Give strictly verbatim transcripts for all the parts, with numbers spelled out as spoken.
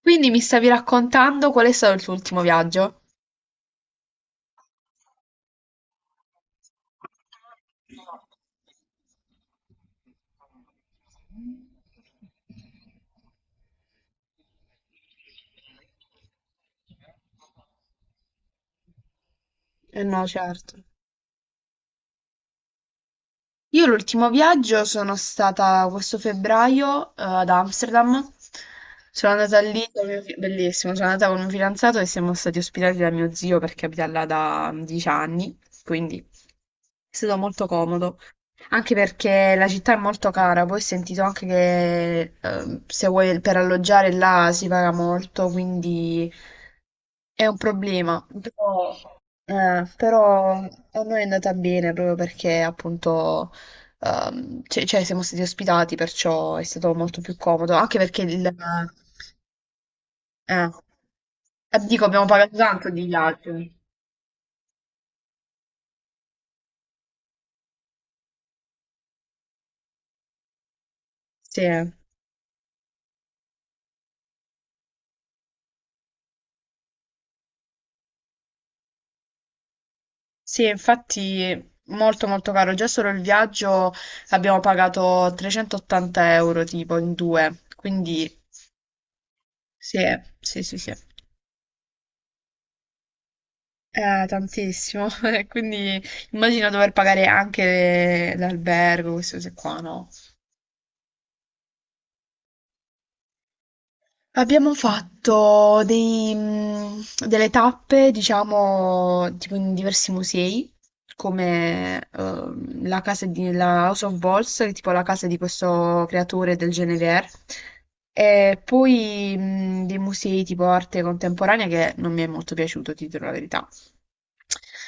Quindi mi stavi raccontando qual è stato il tuo ultimo viaggio? Eh no, certo. Io l'ultimo viaggio sono stata questo febbraio, eh, ad Amsterdam. Sono andata lì con mio fi- bellissimo, sono andata con un fidanzato e siamo stati ospitati da mio zio perché abita là da dieci anni, quindi è stato molto comodo. Anche perché la città è molto cara, poi ho sentito anche che eh, se vuoi per alloggiare là si paga molto, quindi è un problema. Però, eh, però a noi è andata bene proprio perché appunto ehm, cioè, cioè, siamo stati ospitati, perciò è stato molto più comodo. Anche perché il, eh, eh, dico, abbiamo pagato tanto di viaggio. Sì. Sì, infatti molto molto caro, già solo il viaggio abbiamo pagato trecentoottanta euro tipo in due, quindi sì, sì, sì, sì, è tantissimo, quindi immagino dover pagare anche l'albergo, queste cose qua, no? Abbiamo fatto dei, mm, delle tappe, diciamo, tipo in diversi musei, come ehm, la casa di la House of Balls, che è tipo la casa di questo creatore del Genever, e poi mm, dei musei tipo arte contemporanea che non mi è molto piaciuto, ti dirò la verità.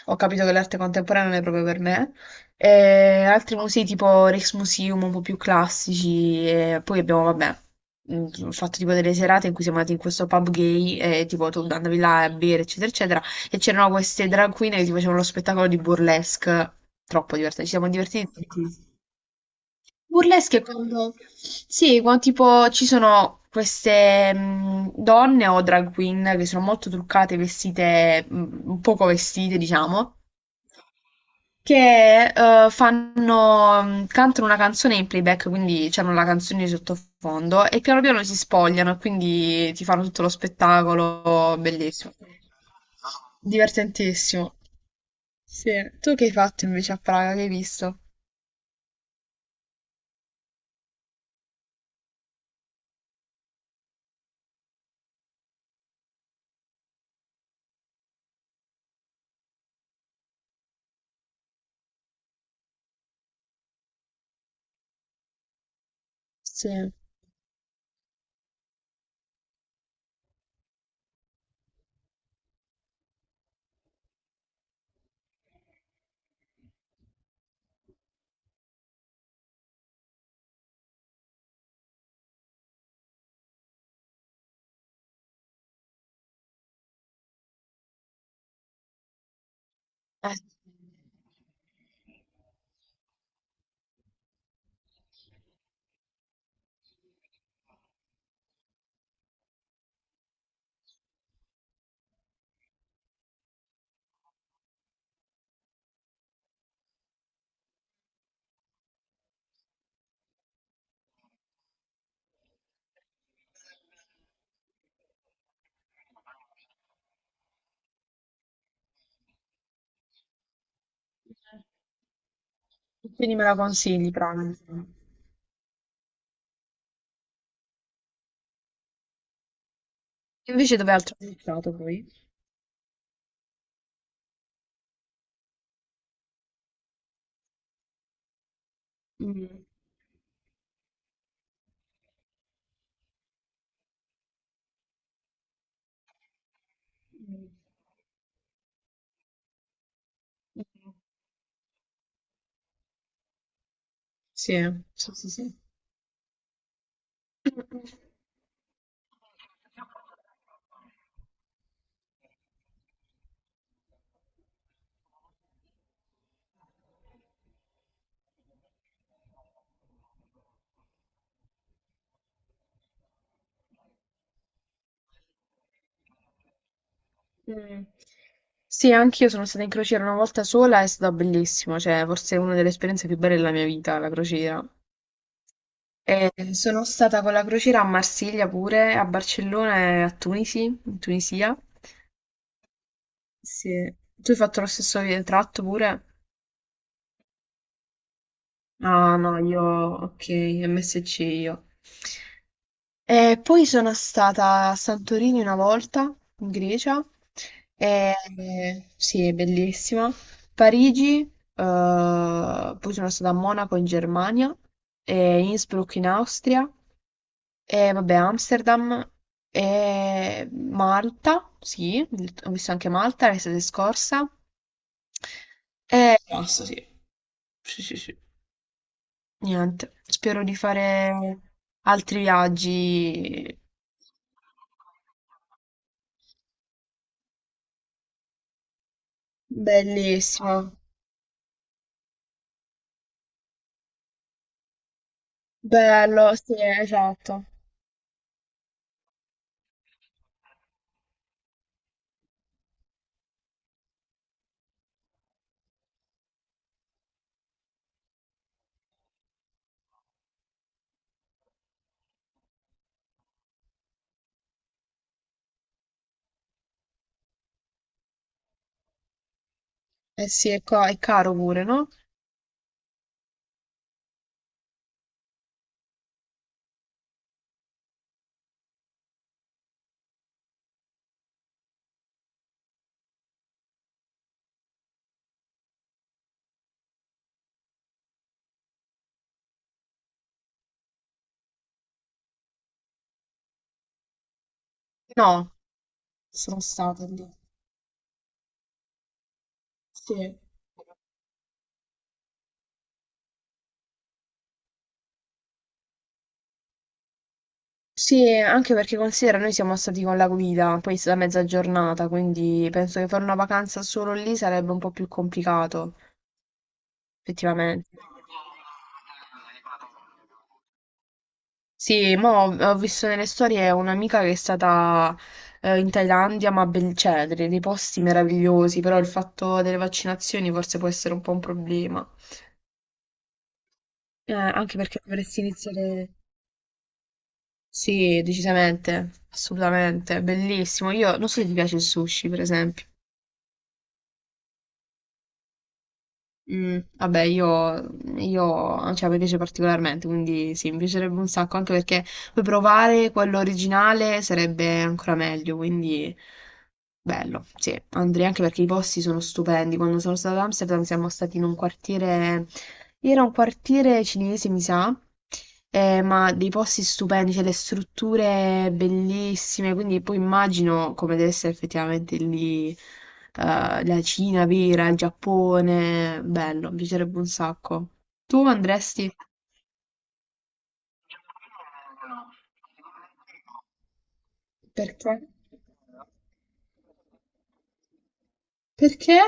Ho capito che l'arte contemporanea non è proprio per me. E altri musei tipo Rijksmuseum un po' più classici e poi abbiamo, vabbè, mh, fatto tipo delle serate in cui siamo andati in questo pub gay e tipo tu andavi là a bere eccetera eccetera e c'erano queste drag queen che ti facevano lo spettacolo di burlesque. Troppo divertente, ci siamo divertiti tantissimo. Burlesque è quando... Sì, quando tipo ci sono queste mh, donne o drag queen che sono molto truccate, vestite, mh, un poco vestite, diciamo, che eh, fanno, mh, cantano una canzone in playback, quindi c'hanno la canzone di sottofondo e piano piano si spogliano e quindi ti fanno tutto lo spettacolo, bellissimo, divertentissimo. Sì. Tu che hai fatto invece a Praga? Che hai visto? Sì. Eh. Quindi me la consigli, Praga, insomma. Invece dove altro hai stato poi? Mm. Mm. Sì, sì, sì, sì. Mm. Sì, anch'io sono stata in crociera una volta sola, è stato bellissimo, cioè forse è una delle esperienze più belle della mia vita, la crociera. E sono stata con la crociera a Marsiglia pure, a Barcellona e a Tunisi, in Tunisia. Sì. Tu hai fatto lo stesso vi- tratto pure? Ah, no, io, ok, M S C io. E poi sono stata a Santorini una volta, in Grecia, e, sì, è bellissima. Parigi, eh, poi sono stata a Monaco in Germania, e Innsbruck in Austria, e vabbè, Amsterdam, e Malta, sì, ho visto anche Malta l'estate scorsa, e basta, sì. Sì, sì, sì. Niente, spero di fare altri viaggi. Bellissimo, bello, sì, esatto. Eh sì, è, ca- è caro pure, no? No, sono stata lì. Sì. Sì, anche perché considera, noi siamo stati con la guida, poi è stata mezza giornata, quindi penso che fare una vacanza solo lì sarebbe un po' più complicato, effettivamente. Sì, ma ho, ho visto nelle storie un'amica che è stata eh, in Thailandia, ma ben, cioè, dei dei posti meravigliosi, però il fatto delle vaccinazioni forse può essere un po' un problema. Eh, anche perché dovresti iniziare... Sì, decisamente, assolutamente, bellissimo. Io non so se ti piace il sushi, per esempio. Mm, vabbè, io, io, cioè, mi piace particolarmente, quindi sì, mi piacerebbe un sacco, anche perché poi provare quello originale sarebbe ancora meglio, quindi bello, sì, andrei anche perché i posti sono stupendi. Quando sono stata ad Amsterdam siamo stati in un quartiere, era un quartiere cinese, mi sa, eh, ma dei posti stupendi, cioè le strutture bellissime, quindi poi immagino come deve essere effettivamente lì, eh, la Cina vera, il Giappone, bello, mi piacerebbe un sacco. Tu andresti? Perché? Perché?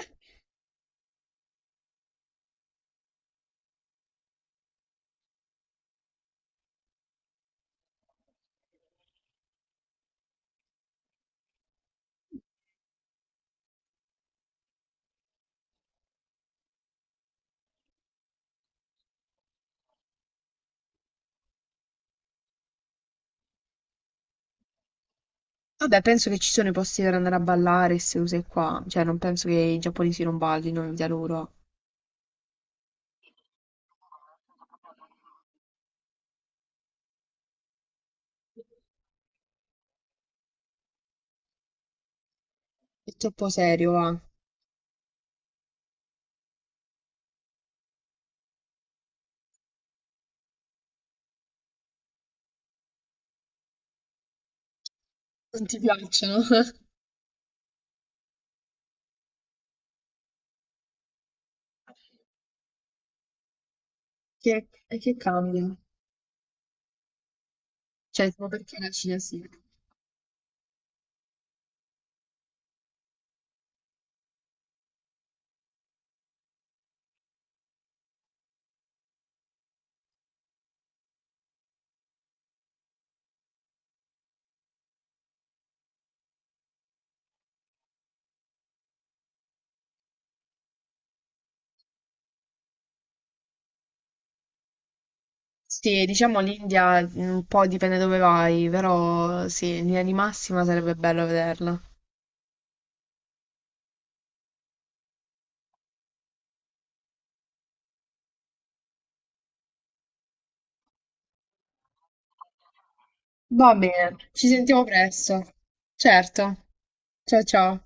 Vabbè, penso che ci sono i posti per andare a ballare, queste cose qua. Cioè, non penso che i giapponesi non ballino in vita loro. È troppo serio, va. Non ti piacciono? Che, e che cambia? Cioè, tipo, perché la Cina sì? Sì, diciamo l'India mm, un po' dipende dove vai, però sì, in linea di massima sarebbe bello vederla. Va bene, ci sentiamo presto. Certo. Ciao ciao.